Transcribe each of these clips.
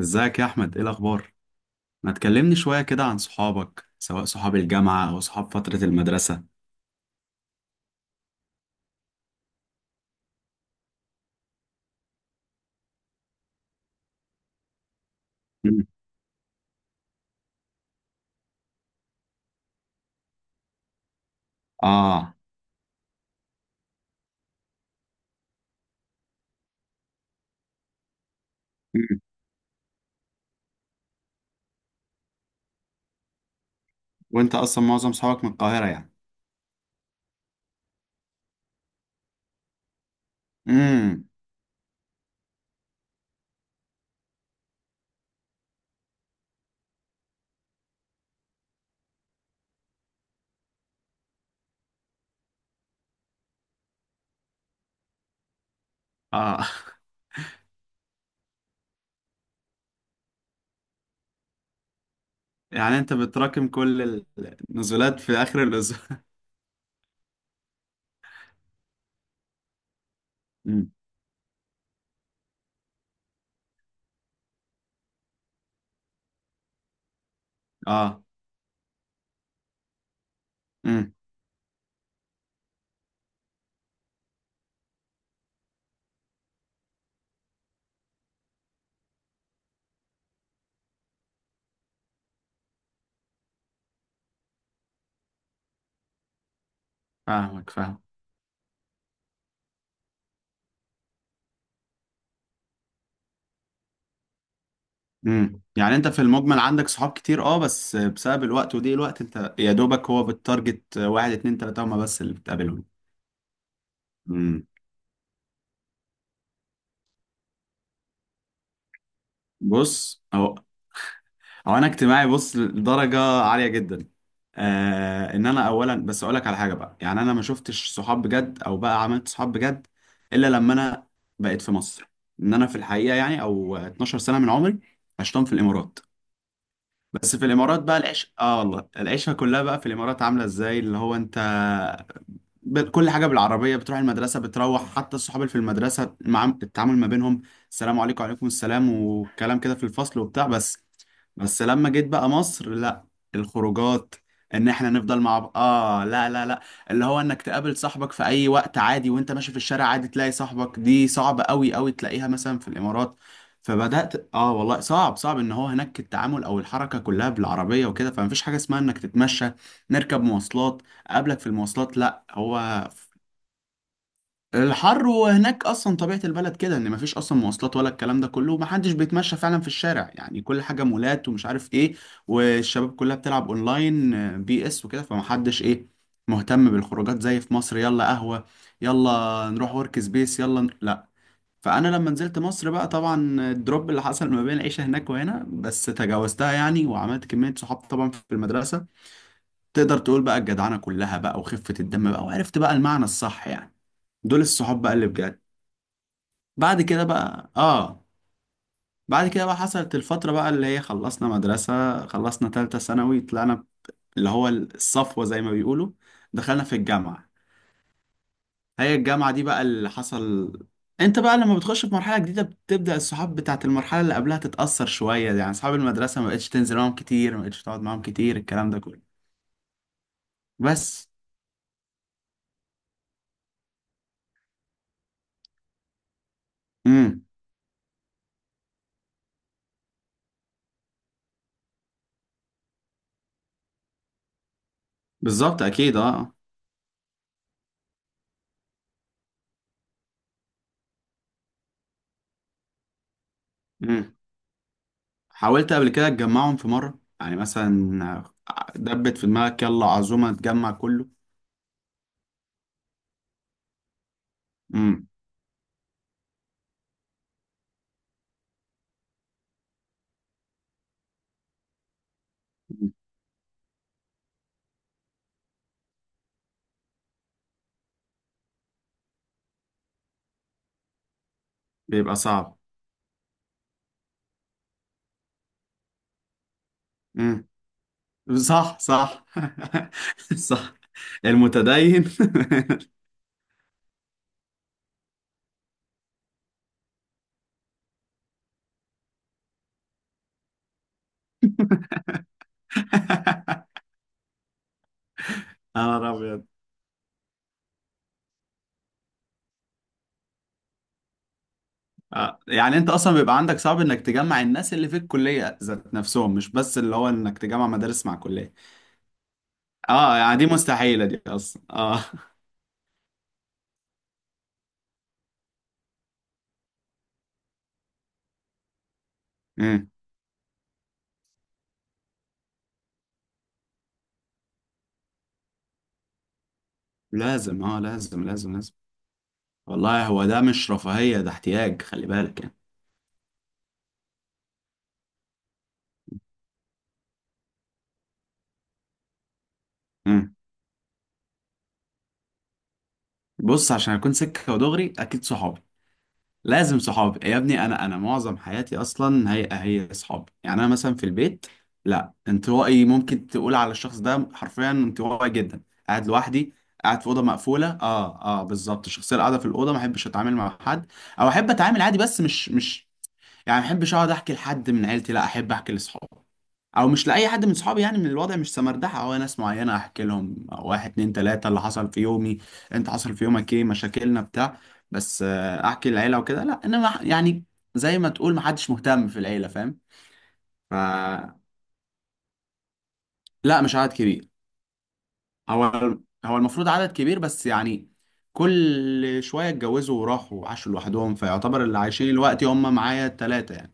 ازيك يا احمد؟ ايه الاخبار؟ ما تكلمني شويه كده عن صحابك، سواء صحاب الجامعه او صحاب فتره المدرسه. مم. اه. مم. وانت اصلا معظم صحابك من القاهره، يعني؟ امم. اه. يعني انت بتراكم كل النزولات في اخر الاسبوع؟ امم. اه. امم. فاهمك، فاهم. امم. يعني انت في المجمل عندك صحاب كتير، بس بسبب الوقت وضيق الوقت، انت يا دوبك هو بالتارجت واحد اتنين تلاته هما بس اللي بتقابلهم؟ امم. بص، أو هو انا اجتماعي، بص، لدرجه عاليه جدا. ان انا اولا بس اقول لك على حاجه بقى، يعني انا ما شفتش صحاب بجد او بقى عملت صحاب بجد الا لما انا بقيت في مصر، ان انا في الحقيقه يعني او 12 سنه من عمري عشتهم في الامارات. بس في الامارات بقى العيش، والله العيشه كلها بقى في الامارات عامله ازاي؟ اللي هو انت، كل حاجة بالعربية، بتروح المدرسة، بتروح حتى الصحاب اللي في المدرسة مع التعامل ما بينهم، السلام عليكم وعليكم السلام والكلام كده في الفصل وبتاع بس. بس لما جيت بقى مصر، لا، الخروجات، ان احنا نفضل مع بعض، لا، لا، لا، اللي هو انك تقابل صاحبك في اي وقت عادي وانت ماشي في الشارع عادي تلاقي صاحبك، دي صعبة قوي قوي تلاقيها مثلا في الامارات. فبدأت، والله صعب صعب ان هو هناك التعامل او الحركة كلها بالعربية وكده، فمفيش حاجة اسمها انك تتمشى، نركب مواصلات، اقابلك في المواصلات، لا. هو الحر، وهناك اصلا طبيعه البلد كده، ان مفيش اصلا مواصلات ولا الكلام ده كله، ومحدش بيتمشى فعلا في الشارع، يعني كل حاجه مولات ومش عارف ايه. والشباب كلها بتلعب اونلاين، بي اس وكده، فمحدش ايه مهتم بالخروجات زي في مصر، يلا قهوه، يلا نروح ورك سبيس، يلا لا. فانا لما نزلت مصر بقى، طبعا الدروب اللي حصل ما بين العيشه هناك وهنا، بس تجاوزتها يعني، وعملت كميه صحاب طبعا في المدرسه. تقدر تقول بقى الجدعنة كلها بقى وخفة الدم بقى، وعرفت بقى المعنى الصح، يعني دول الصحاب بقى اللي بجد. بعد كده بقى اه بعد كده بقى حصلت الفترة بقى، اللي هي خلصنا مدرسة، خلصنا تالتة ثانوي، طلعنا اللي هو الصفوة زي ما بيقولوا، دخلنا في الجامعة. هي الجامعة دي بقى اللي حصل. انت بقى لما بتخش في مرحلة جديدة، بتبدأ الصحاب بتاعت المرحلة اللي قبلها تتأثر شوية، يعني أصحاب المدرسة ما بقتش تنزل معاهم كتير، ما بقتش تقعد معاهم كتير، الكلام ده كله، بس. امم. بالظبط، أكيد اه. مم. حاولت قبل كده تجمعهم في مرة، يعني مثلا دبت في دماغك يلا عزومة تجمع كله؟ امم. بيبقى صعب. امم. صح، صح. صح. المتدين. انا ابيض. يعني انت اصلا بيبقى عندك صعب انك تجمع الناس اللي في الكلية ذات نفسهم، مش بس اللي هو انك تجمع مدارس مع كلية؟ اه، يعني دي مستحيلة دي اصلا اه. مم. لازم، اه، لازم، لازم، لازم. والله هو ده مش رفاهية، ده احتياج، خلي بالك يعني. بص، عشان اكون سكه ودغري، اكيد صحابي. لازم صحابي، يا ابني انا معظم حياتي اصلا هي صحابي، يعني انا مثلا في البيت، لا، انطوائي، ممكن تقول على الشخص ده حرفيا انطوائي جدا، قاعد لوحدي، قاعد في اوضه مقفوله، اه، اه، بالظبط، الشخصيه اللي قاعده في الاوضه، ما احبش اتعامل مع حد، او احب اتعامل عادي بس مش يعني، ما بحبش اقعد احكي لحد من عيلتي، لا، احب احكي لاصحابي، او مش لاي حد من صحابي، يعني من الوضع مش سمردحه، او ناس معينه احكي لهم واحد اتنين تلاته اللي حصل في يومي، انت حصل في يومك ايه، مشاكلنا بتاع. بس، احكي للعيله وكده، لا، انما يعني، زي ما تقول ما حدش مهتم في العيله، فاهم؟ ف لا، مش عدد كبير. هو هو المفروض عدد كبير بس يعني، كل شويه اتجوزوا وراحوا وعاشوا لوحدهم، فيعتبر اللي عايشين دلوقتي هم معايا التلاته يعني.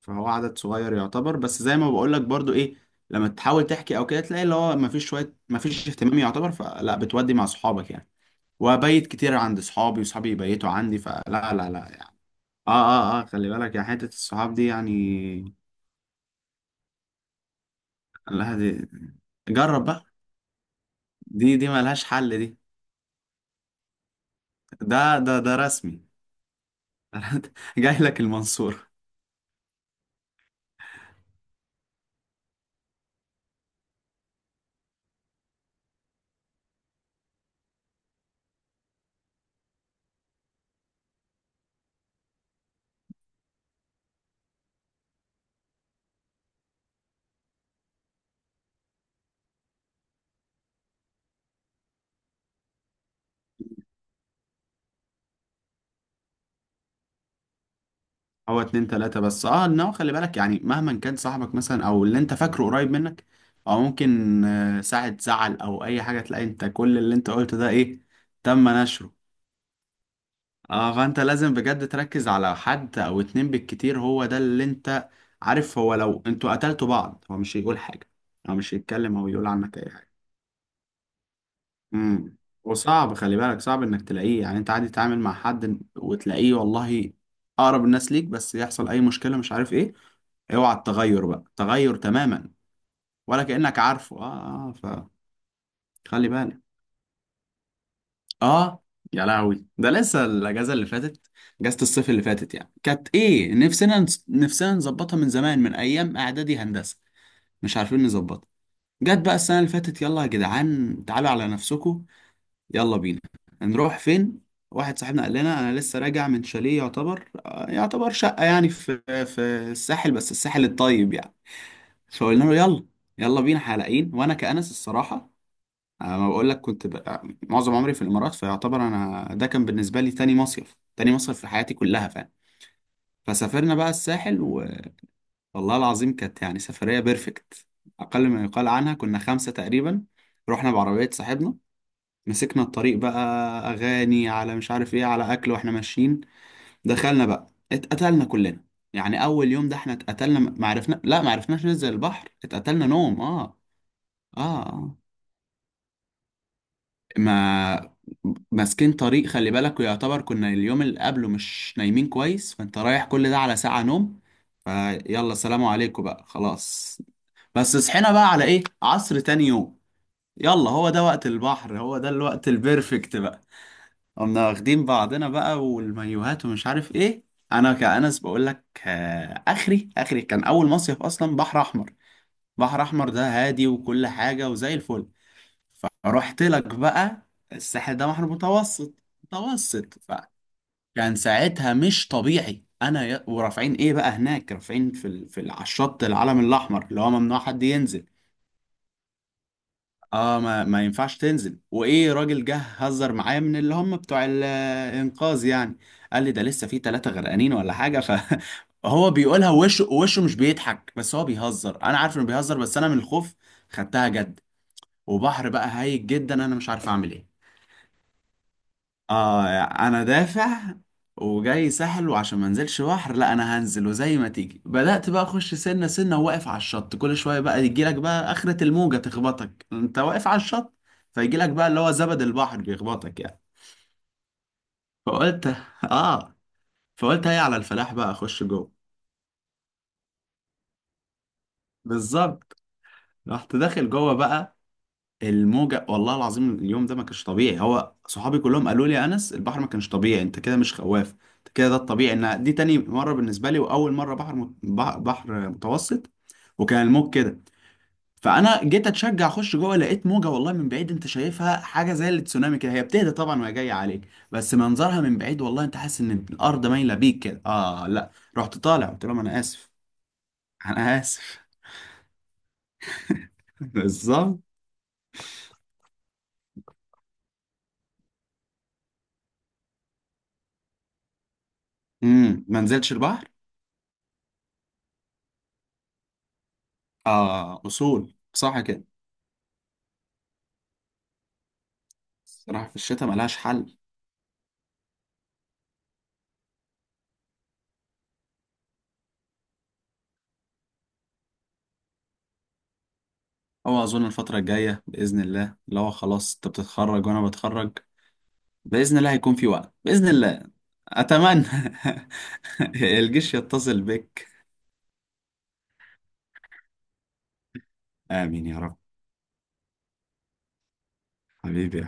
فهو عدد صغير يعتبر، بس زي ما بقولك برضو ايه، لما تحاول تحكي او كده تلاقي اللي هو مفيش شوية، مفيش اهتمام يعتبر، فلا بتودي مع صحابك يعني، وابيت كتير عند صحابي، وصحابي يبيتوا عندي، فلا، لا، لا يعني. اه، اه، اه، خلي بالك يعني، حتة الصحاب دي يعني. لا، دي، جرب بقى، دي ملهاش حل دي. ده رسمي. جاي لك المنصور. هو اتنين تلاتة بس، انه خلي بالك يعني، مهما كان صاحبك مثلا او اللي انت فاكره قريب منك، او ممكن ساعة زعل او اي حاجة، تلاقي انت كل اللي انت قلته ده ايه؟ تم نشره. اه، فانت لازم بجد تركز على حد او اتنين بالكتير، هو ده اللي انت عارف. هو لو انتوا قتلتوا بعض هو مش هيقول حاجة، هو مش هيتكلم او يقول عنك اي حاجة. امم. وصعب، خلي بالك، صعب انك تلاقيه، يعني انت عادي تتعامل مع حد وتلاقيه والله اقرب الناس ليك، بس يحصل اي مشكلة مش عارف ايه، اوعى، التغير بقى تغير تماما، ولا كأنك عارفه، اه، اه. فخلي بالك. اه. يا لهوي، ده لسه الاجازة اللي فاتت، اجازة الصيف اللي فاتت يعني كانت ايه، نفسنا نفسنا نظبطها من زمان من ايام اعدادي هندسة، مش عارفين نظبطها. جت بقى السنة اللي فاتت، يلا يا جدعان تعالوا على نفسكم، يلا بينا، نروح فين؟ واحد صاحبنا قال لنا انا لسه راجع من شاليه يعتبر، يعتبر شقة، يعني في الساحل، بس الساحل الطيب يعني. فقلنا له يلا، يلا بينا حلقين، وانا كأنس الصراحة، ما بقول لك كنت بقى معظم عمري في الامارات، فيعتبر انا ده كان بالنسبة لي تاني مصيف، تاني مصيف في حياتي كلها فعلا. فسافرنا بقى الساحل، والله العظيم كانت يعني سفرية بيرفكت اقل ما يقال عنها، كنا خمسة تقريبا، رحنا بعربية صاحبنا، مسكنا الطريق بقى، اغاني على مش عارف ايه، على اكل واحنا ماشيين. دخلنا بقى، اتقتلنا كلنا، يعني اول يوم ده احنا اتقتلنا، ما عرفنا، لا، ما عرفناش ننزل البحر، اتقتلنا نوم اه. اه. آه. ما ماسكين طريق، خلي بالك، ويعتبر كنا اليوم اللي قبله مش نايمين كويس، فانت رايح كل ده على ساعة نوم. فيلا سلام عليكم بقى، خلاص. بس صحينا بقى على ايه، عصر تاني يوم. يلا، هو ده وقت البحر، هو ده الوقت البرفكت بقى. قمنا واخدين بعضنا بقى والمايوهات ومش عارف ايه. انا كأنس بقول لك، اخري اخري كان اول مصيف اصلا بحر احمر، بحر احمر ده هادي وكل حاجة وزي الفل. فرحت لك بقى الساحل ده بحر متوسط، متوسط فكان، ساعتها مش طبيعي، انا ورافعين ايه بقى هناك، رافعين على الشط العلم الاحمر، اللي هو ممنوع حد ينزل. اه، ما ينفعش تنزل، وايه راجل جه هزر معايا من اللي هم بتوع الانقاذ يعني، قال لي ده لسه في ثلاثة غرقانين ولا حاجة. فهو بيقولها وشه وشه مش بيضحك، بس هو بيهزر، انا عارف انه بيهزر، بس انا من الخوف خدتها جد، وبحر بقى هايج جدا، انا مش عارف اعمل ايه. اه، انا دافع وجاي ساحل، وعشان ما انزلش بحر، لا، انا هنزل وزي ما تيجي، بدأت بقى اخش سنة سنة، وواقف على الشط كل شوية بقى يجيلك بقى اخرة الموجة تخبطك انت واقف على الشط، فيجيلك بقى اللي هو زبد البحر بيخبطك يعني. فقلت اه فقلت، هي على الفلاح بقى، اخش جوه. بالظبط. رحت داخل جوه بقى الموجة، والله العظيم اليوم ده ما كانش طبيعي، هو صحابي كلهم قالوا لي يا أنس البحر ما كانش طبيعي، أنت كده مش خواف، أنت كده ده الطبيعي، إن دي تاني مرة بالنسبة لي، وأول مرة بحر بحر متوسط، وكان الموج كده، فأنا جيت أتشجع أخش جوه، لقيت موجة والله من بعيد أنت شايفها حاجة زي التسونامي كده، هي بتهدى طبعا وهي جاية عليك، بس منظرها من بعيد والله أنت حاسس إن الأرض مايلة بيك كده، آه لا. رحت طالع، قلت لهم أنا آسف، أنا آسف. بالظبط. امم. ما نزلتش البحر. آه أصول صح كده. الصراحة في الشتاء ملهاش حل. هو أظن الفترة الجاية بإذن الله اللي هو خلاص، أنت بتتخرج وأنا بتخرج، بإذن الله هيكون في وقت، بإذن الله. أتمنى. الجيش يتصل بك. آمين يا رب. حبيبي.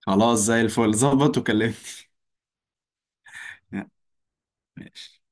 خلاص زي الفل، ظبط وكلمني. ماشي.